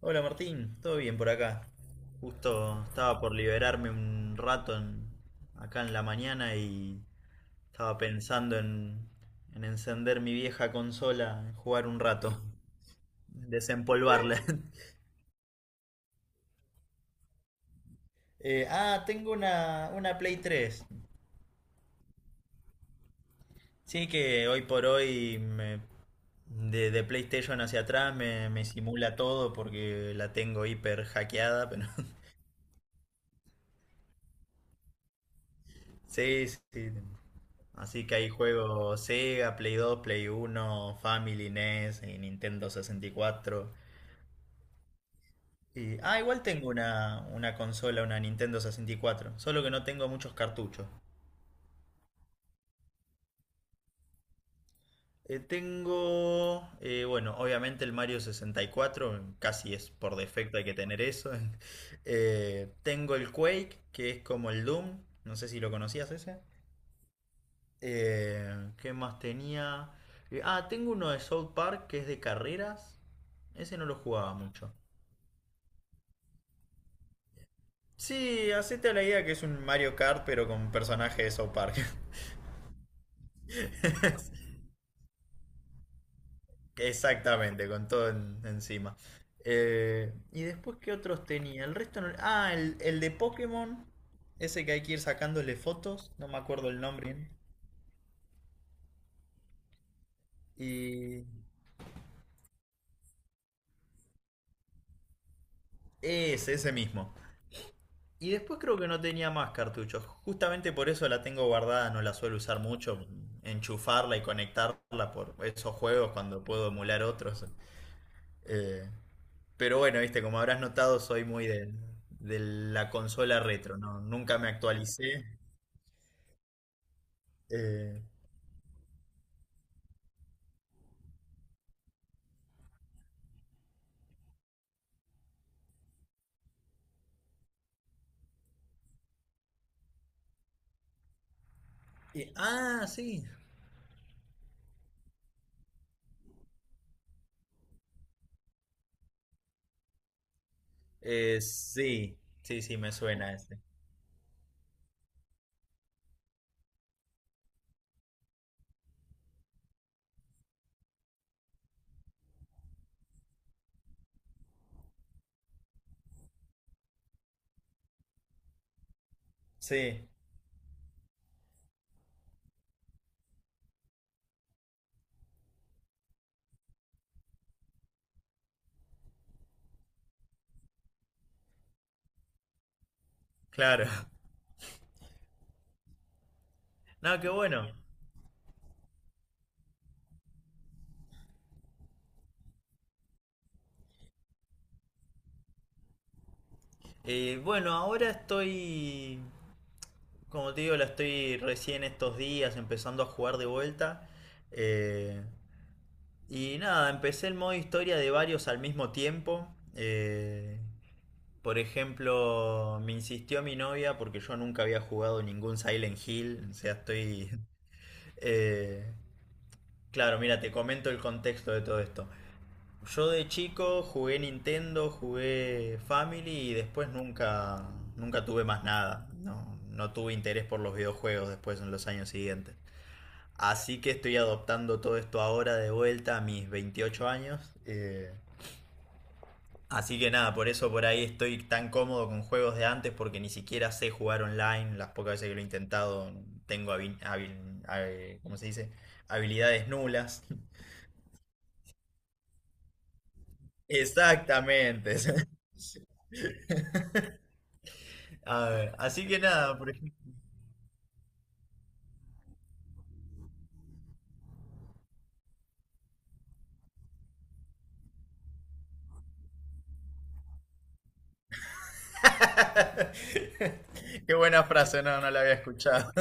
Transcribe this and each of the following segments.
Hola Martín, ¿todo bien por acá? Justo estaba por liberarme un rato acá en la mañana y estaba pensando en encender mi vieja consola, en jugar un rato, desempolvarla. Tengo una Play 3. Sí que hoy por hoy de PlayStation hacia atrás me simula todo porque la tengo hiper hackeada, pero sí, sí. Así que ahí juego Sega, Play 2, Play 1, Family, NES, y Nintendo 64. Y igual tengo una consola, una Nintendo 64, solo que no tengo muchos cartuchos. Tengo, bueno, obviamente el Mario 64, casi es por defecto hay que tener eso. Tengo el Quake, que es como el Doom, no sé si lo conocías ese. ¿Qué más tenía? Tengo uno de South Park que es de carreras. Ese no lo jugaba mucho. Sí, hacete la idea que es un Mario Kart, pero con personaje de South Park. Exactamente, con todo encima. Y después, ¿qué otros tenía? El resto no. Ah, el de Pokémon. Ese que hay que ir sacándole fotos. No me acuerdo el nombre. Y... ese mismo. Y después creo que no tenía más cartuchos. Justamente por eso la tengo guardada, no la suelo usar mucho. Enchufarla y conectarla por esos juegos cuando puedo emular otros. Eh, pero bueno, viste, como habrás notado, soy muy de la consola retro, ¿no? Nunca me actualicé. Eh, sí. Sí, sí, sí, me suena ese. Sí, claro. No, qué bueno. Bueno, ahora estoy, como te digo, la estoy recién estos días empezando a jugar de vuelta. Eh, y nada, empecé el modo historia de varios al mismo tiempo. Eh, por ejemplo, me insistió mi novia porque yo nunca había jugado ningún Silent Hill. O sea, estoy. eh, claro, mira, te comento el contexto de todo esto. Yo de chico jugué Nintendo, jugué Family y después nunca tuve más nada. No, no tuve interés por los videojuegos después en los años siguientes. Así que estoy adoptando todo esto ahora de vuelta a mis 28 años, así que nada, por eso por ahí estoy tan cómodo con juegos de antes porque ni siquiera sé jugar online. Las pocas veces que lo he intentado tengo ¿cómo se dice? Habilidades nulas. Exactamente. A ver, así que nada, por ejemplo. Qué buena frase, no, no la había escuchado.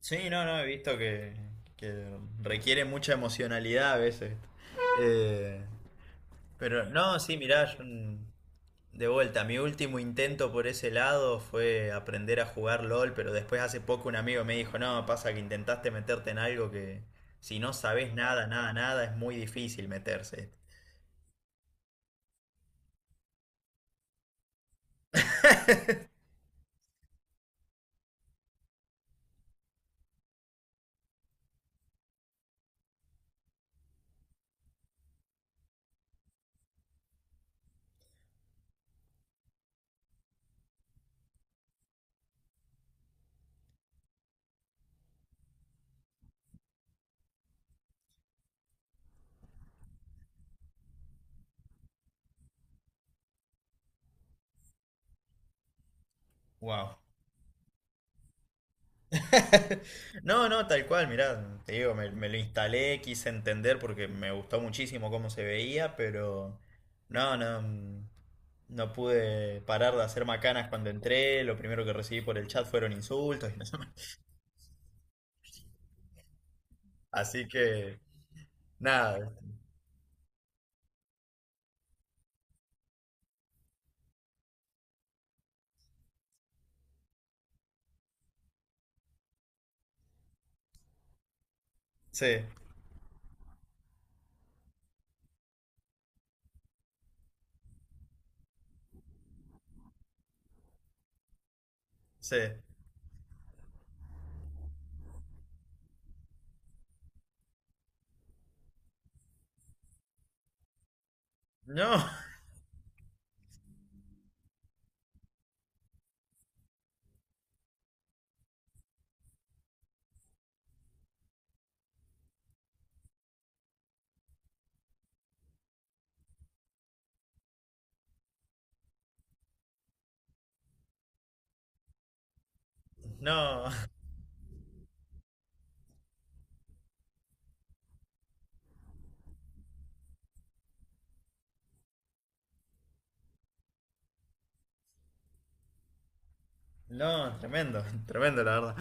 Sí, no, no, he visto que, requiere mucha emocionalidad a veces. Eh, pero no, sí, mirá, yo, de vuelta, mi último intento por ese lado fue aprender a jugar LOL, pero después hace poco un amigo me dijo, no, pasa que intentaste meterte en algo que si no sabes nada, nada, nada, es muy difícil meterse. Wow. No, no, tal cual, mirá, te digo, me, lo instalé, quise entender porque me gustó muchísimo cómo se veía, pero no, no, no pude parar de hacer macanas cuando entré, lo primero que recibí por el chat fueron insultos y no sé más. Así que, nada, sí, sí. No, no, no, tremendo, tremendo la verdad.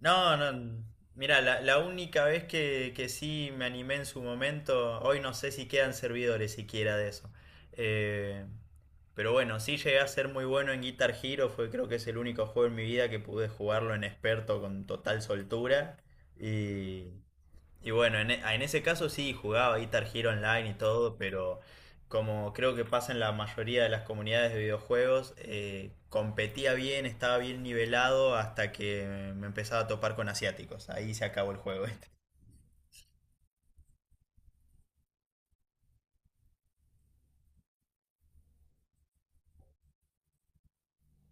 No, no. Mira, la única vez que sí me animé en su momento, hoy no sé si quedan servidores siquiera de eso. Eh, pero bueno, sí llegué a ser muy bueno en Guitar Hero, fue creo que es el único juego en mi vida que pude jugarlo en experto con total soltura. Y bueno, en ese caso sí jugaba Guitar Hero Online y todo, pero como creo que pasa en la mayoría de las comunidades de videojuegos, competía bien, estaba bien nivelado hasta que me empezaba a topar con asiáticos. Ahí se acabó el juego. ¿Viste?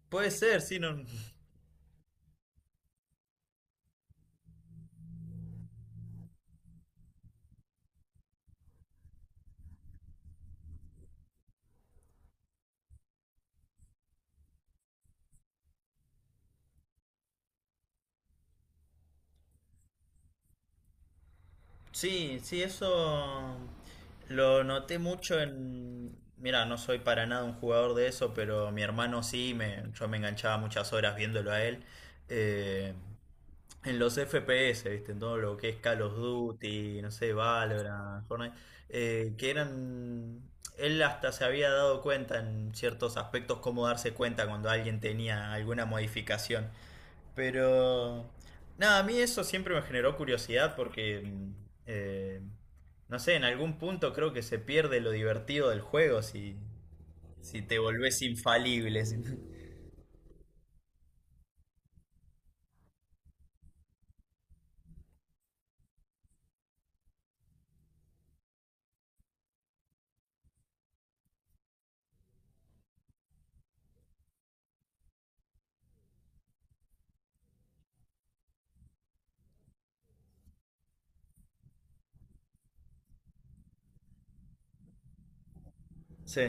Puede ser, sí, no. Sí, sí, eso lo noté mucho en. Mira, no soy para nada un jugador de eso, pero mi hermano sí, yo me enganchaba muchas horas viéndolo a él. Eh, En los FPS, ¿viste? En todo lo que es Call of Duty, no sé, Valorant, Fortnite, que eran. Él hasta se había dado cuenta en ciertos aspectos cómo darse cuenta cuando alguien tenía alguna modificación. Pero. Nada, a mí eso siempre me generó curiosidad porque eh, no sé, en algún punto creo que se pierde lo divertido del juego si, te volvés infalible. Sí,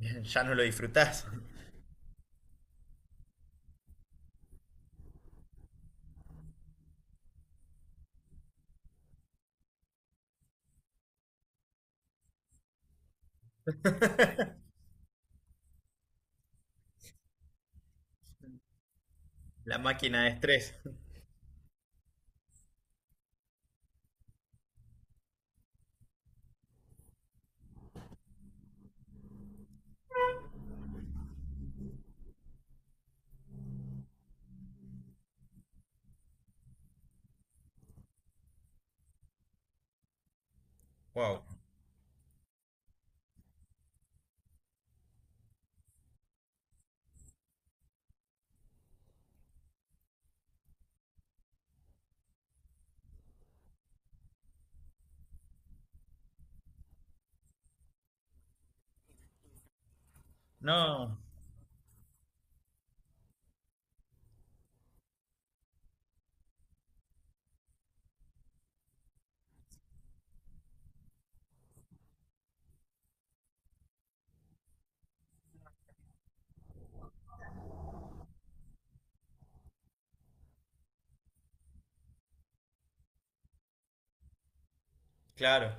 ya no lo disfrutás. La máquina de estrés. Wow. No, claro,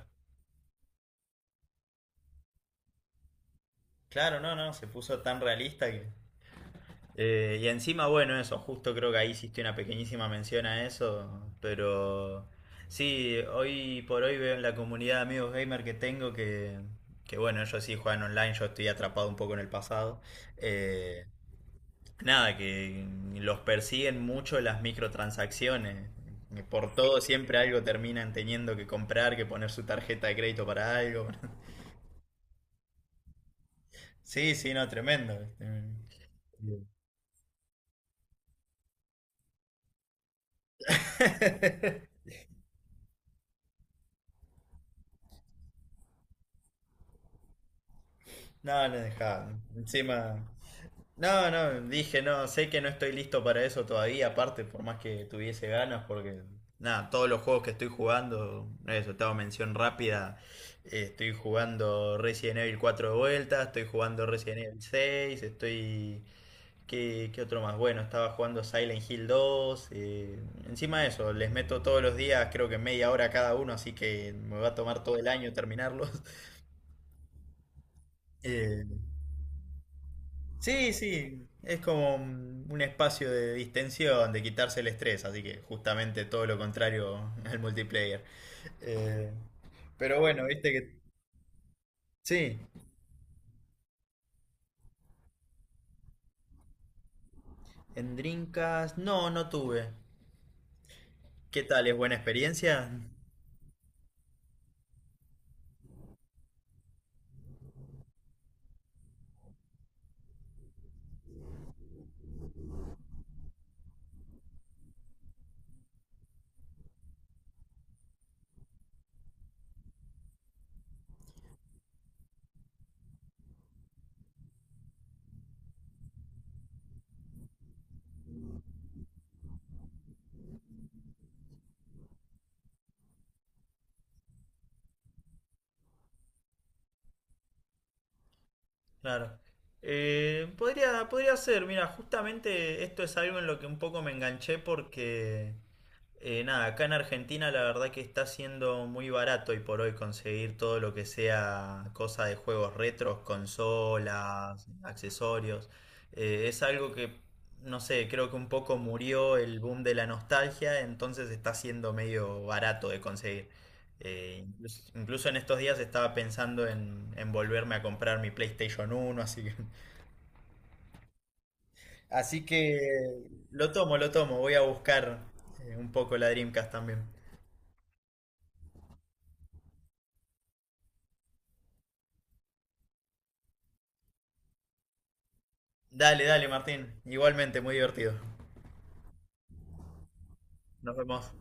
claro, no, no, se puso tan realista que. Y encima, bueno, eso, justo creo que ahí hiciste una pequeñísima mención a eso, pero sí, hoy por hoy veo en la comunidad de amigos gamer que tengo que bueno, ellos sí juegan online, yo estoy atrapado un poco en el pasado. Eh, nada, que los persiguen mucho las microtransacciones. Por todo siempre algo terminan teniendo que comprar, que poner su tarjeta de crédito para algo. Sí, sí, no, tremendo. No, no dejaba. Encima. No, no, dije, no, sé que no estoy listo para eso todavía, aparte, por más que tuviese ganas, porque. Nada, todos los juegos que estoy jugando, eso, te hago mención rápida. Estoy jugando Resident Evil 4 de vuelta, estoy jugando Resident Evil 6, estoy. ¿Qué otro más? Bueno, estaba jugando Silent Hill 2. Encima de eso, les meto todos los días, creo que media hora cada uno, así que me va a tomar todo el año terminarlos. Eh, sí, sí, es como un espacio de distensión, de quitarse el estrés, así que justamente todo lo contrario al multiplayer. Eh, pero bueno, viste que. Sí, en Dreamcast no, no tuve. ¿Qué tal? ¿Es buena experiencia? Claro. Podría ser, mira, justamente esto es algo en lo que un poco me enganché porque. Nada, acá en Argentina la verdad que está siendo muy barato hoy por hoy conseguir todo lo que sea cosa de juegos retros, consolas, accesorios. Es algo que, no sé, creo que un poco murió el boom de la nostalgia, entonces está siendo medio barato de conseguir. Incluso en estos días estaba pensando en, volverme a comprar mi PlayStation 1 así que, así que lo tomo, voy a buscar un poco la Dreamcast también. Dale, dale, Martín. Igualmente, muy divertido. Nos vemos.